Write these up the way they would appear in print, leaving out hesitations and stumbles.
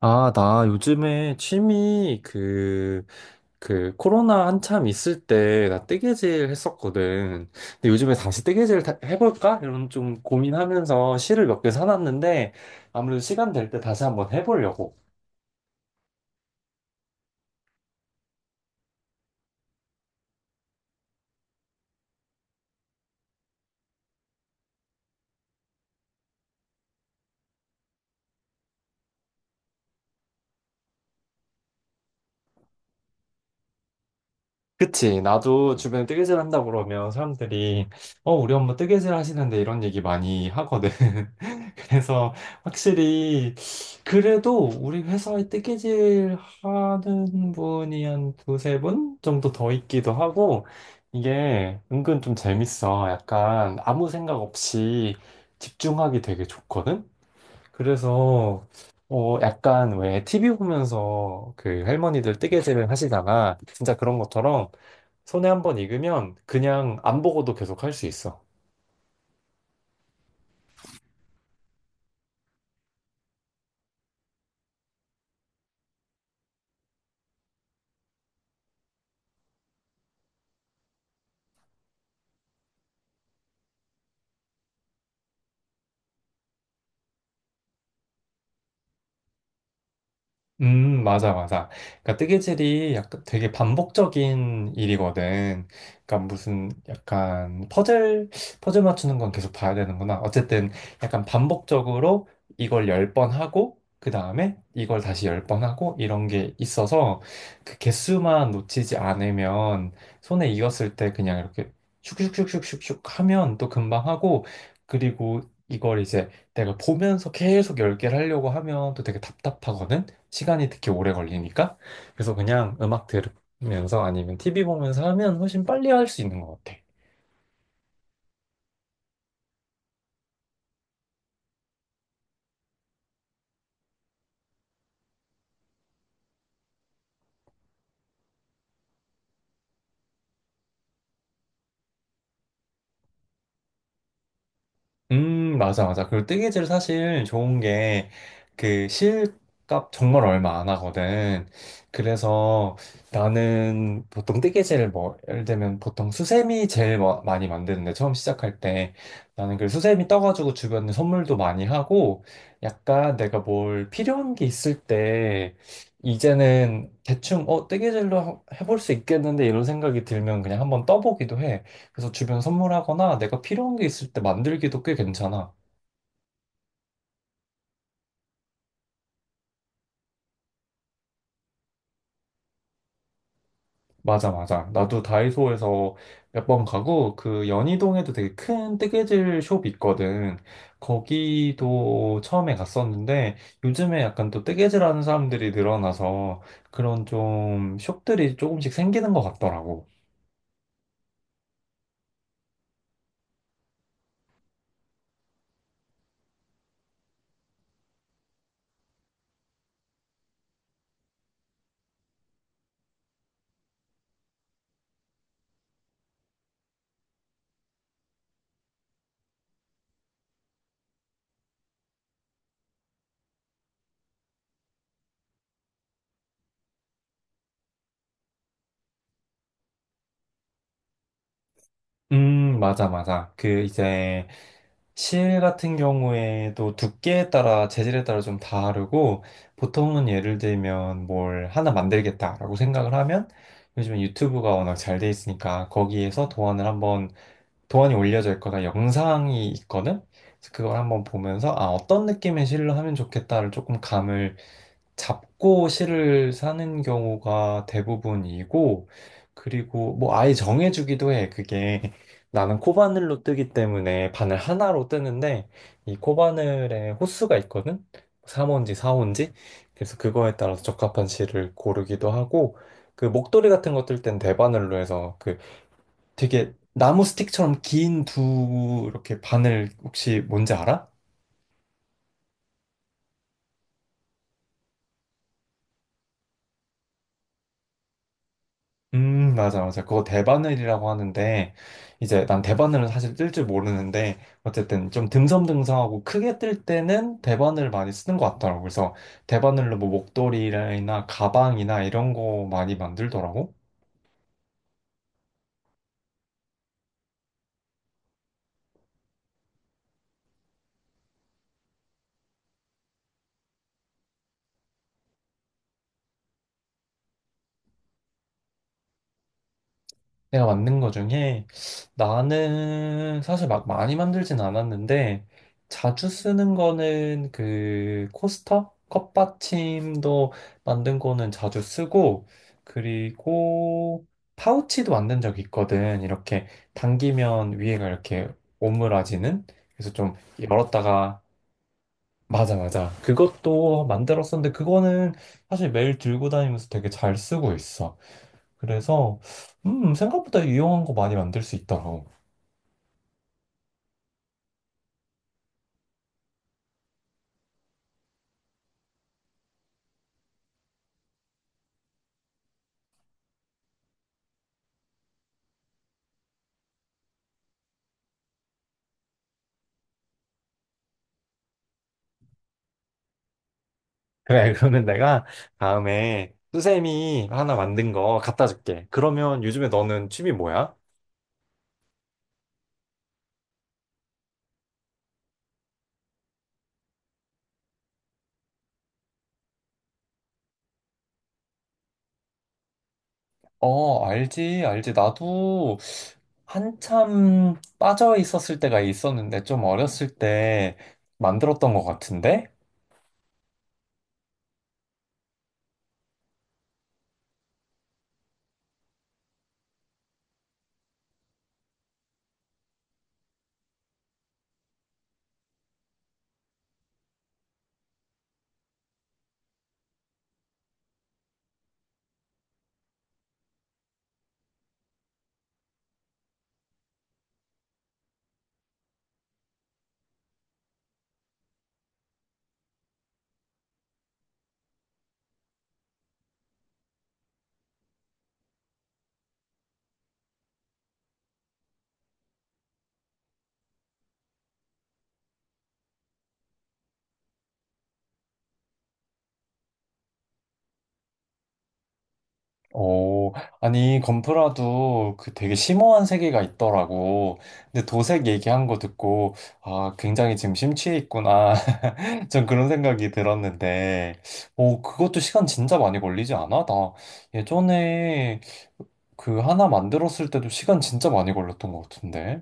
아, 나 요즘에 취미, 코로나 한참 있을 때 나 뜨개질 했었거든. 근데 요즘에 다시 해볼까? 이런 좀 고민하면서 실을 몇 개 사놨는데 아무래도 시간 될 때 다시 한번 해보려고. 그치? 나도 주변에 뜨개질 한다 그러면 사람들이 어, 우리 엄마 뜨개질 하시는데 이런 얘기 많이 하거든. 그래서 확실히 그래도 우리 회사에 뜨개질 하는 분이 한 두세 분 정도 더 있기도 하고 이게 은근 좀 재밌어. 약간 아무 생각 없이 집중하기 되게 좋거든. 그래서 약간 왜 TV 보면서 그 할머니들 뜨개질을 하시다가 진짜 그런 것처럼 손에 한번 익으면 그냥 안 보고도 계속 할 수 있어. 맞아, 맞아. 그러니까 뜨개질이 약간 되게 반복적인 일이거든. 그러니까 무슨 약간 퍼즐 맞추는 건 계속 봐야 되는구나. 어쨌든 약간 반복적으로 이걸 열 번 하고, 그 다음에 이걸 다시 열 번 하고, 이런 게 있어서 그 개수만 놓치지 않으면 손에 익었을 때 그냥 이렇게 슉슉슉슉슉슉 하면 또 금방 하고, 그리고 이걸 이제 내가 보면서 계속 열 개를 하려고 하면 또 되게 답답하거든. 시간이 특히 오래 걸리니까. 그래서 그냥 음악 들으면서 아니면 TV 보면서 하면 훨씬 빨리 할 수 있는 것 같아. 맞아, 맞아. 그리고 뜨개질 사실 좋은 게 그 실값 정말 얼마 안 하거든. 그래서 나는 보통 뜨개질을 뭐, 예를 들면 보통 수세미 제일 많이 만드는데 처음 시작할 때 나는 그 수세미 떠가지고 주변에 선물도 많이 하고 약간 내가 뭘 필요한 게 있을 때 이제는 대충 어, 뜨개질로 해볼 수 있겠는데 이런 생각이 들면 그냥 한번 떠보기도 해. 그래서 주변 선물하거나 내가 필요한 게 있을 때 만들기도 꽤 괜찮아. 맞아, 맞아. 나도 다이소에서 몇 번 가고, 그 연희동에도 되게 큰 뜨개질 숍이 있거든. 거기도 처음에 갔었는데, 요즘에 약간 또 뜨개질 하는 사람들이 늘어나서 그런 좀 숍들이 조금씩 생기는 것 같더라고. 맞아, 맞아. 그 이제 실 같은 경우에도 두께에 따라 재질에 따라 좀 다르고 보통은 예를 들면 뭘 하나 만들겠다라고 생각을 하면 요즘에 유튜브가 워낙 잘 돼 있으니까 거기에서 도안을 한번 도안이 올려져 있거나 영상이 있거든. 그래서 그걸 한번 보면서 아, 어떤 느낌의 실로 하면 좋겠다를 조금 감을 잡고 실을 사는 경우가 대부분이고, 그리고 뭐 아예 정해주기도 해. 그게 나는 코바늘로 뜨기 때문에 바늘 하나로 뜨는데, 이 코바늘에 호수가 있거든? 3호인지 4호인지? 그래서 그거에 따라서 적합한 실을 고르기도 하고, 그 목도리 같은 거 뜰 땐 대바늘로 해서 그 되게 나무 스틱처럼 긴 두 이렇게 바늘 혹시 뭔지 알아? 맞아, 맞아. 그거 대바늘이라고 하는데, 이제 난 대바늘은 사실 뜰 줄 모르는데, 어쨌든 좀 듬성듬성하고 크게 뜰 때는 대바늘 많이 쓰는 것 같더라고. 그래서 대바늘로 뭐 목도리나 가방이나 이런 거 많이 만들더라고. 내가 만든 거 중에 나는 사실 막 많이 만들진 않았는데 자주 쓰는 거는 그 코스터? 컵받침도 만든 거는 자주 쓰고 그리고 파우치도 만든 적 있거든. 이렇게 당기면 위에가 이렇게 오므라지는 그래서 좀 열었다가 맞아, 맞아. 그것도 만들었었는데 그거는 사실 매일 들고 다니면서 되게 잘 쓰고 있어. 그래서 생각보다 유용한 거 많이 만들 수 있더라고. 그래, 그러면 내가 다음에 수세미 하나 만든 거 갖다 줄게. 그러면 요즘에 너는 취미 뭐야? 어, 알지, 알지. 나도 한참 빠져 있었을 때가 있었는데, 좀 어렸을 때 만들었던 것 같은데? 오, 아니, 건프라도 그 되게 심오한 세계가 있더라고. 근데 도색 얘기한 거 듣고, 아, 굉장히 지금 심취해 있구나. 전 그런 생각이 들었는데, 오, 그것도 시간 진짜 많이 걸리지 않아? 나 예전에 그 하나 만들었을 때도 시간 진짜 많이 걸렸던 것 같은데.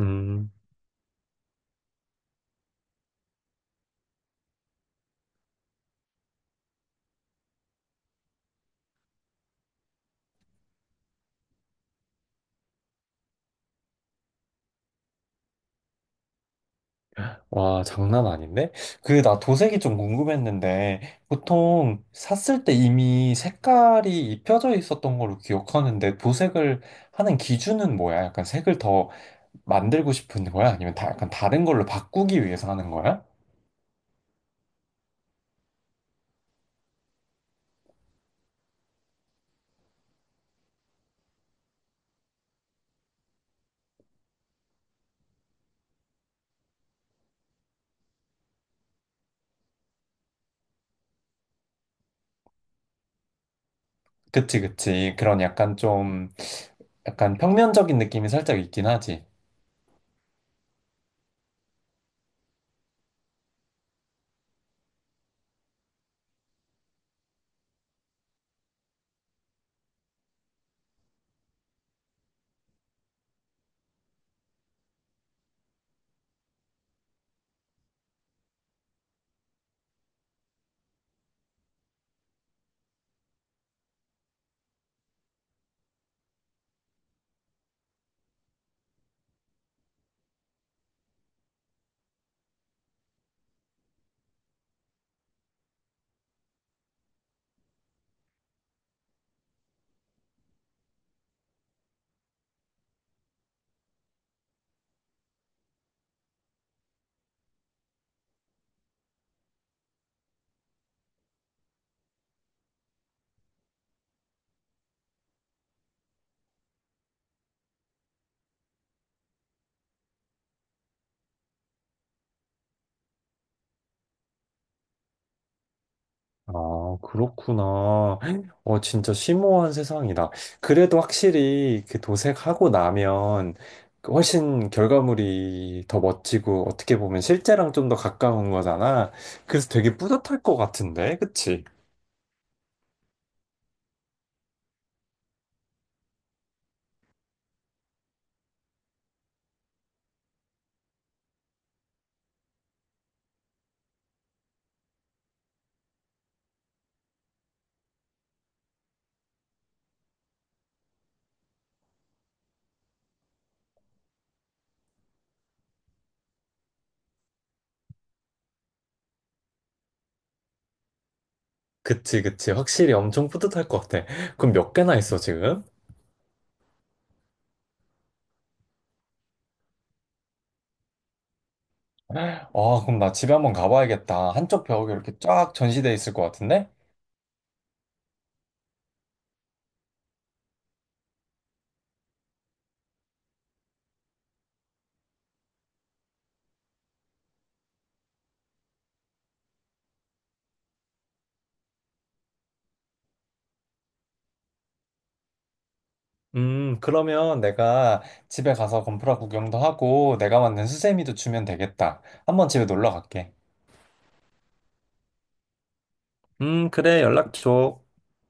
음. 와, 장난 아닌데? 그, 나 도색이 좀 궁금했는데, 보통 샀을 때 이미 색깔이 입혀져 있었던 걸로 기억하는데, 도색을 하는 기준은 뭐야? 약간 색을 더 만들고 싶은 거야? 아니면 다, 약간 다른 걸로 바꾸기 위해서 하는 거야? 그치, 그치. 그런 약간 좀, 약간 평면적인 느낌이 살짝 있긴 하지. 아, 그렇구나. 어, 진짜 심오한 세상이다. 그래도 확실히 그 도색하고 나면 그 훨씬 결과물이 더 멋지고 어떻게 보면 실제랑 좀 더 가까운 거잖아. 그래서 되게 뿌듯할 것 같은데, 그치? 그치, 그치. 확실히 엄청 뿌듯할 것 같아. 그럼 몇 개나 있어, 지금? 아, 그럼 나 집에 한번 가봐야겠다. 한쪽 벽에 이렇게 쫙 전시돼 있을 것 같은데? 그러면 내가 집에 가서 건프라 구경도 하고 내가 만든 수세미도 주면 되겠다. 한번 집에 놀러 갈게. 그래, 연락 줘.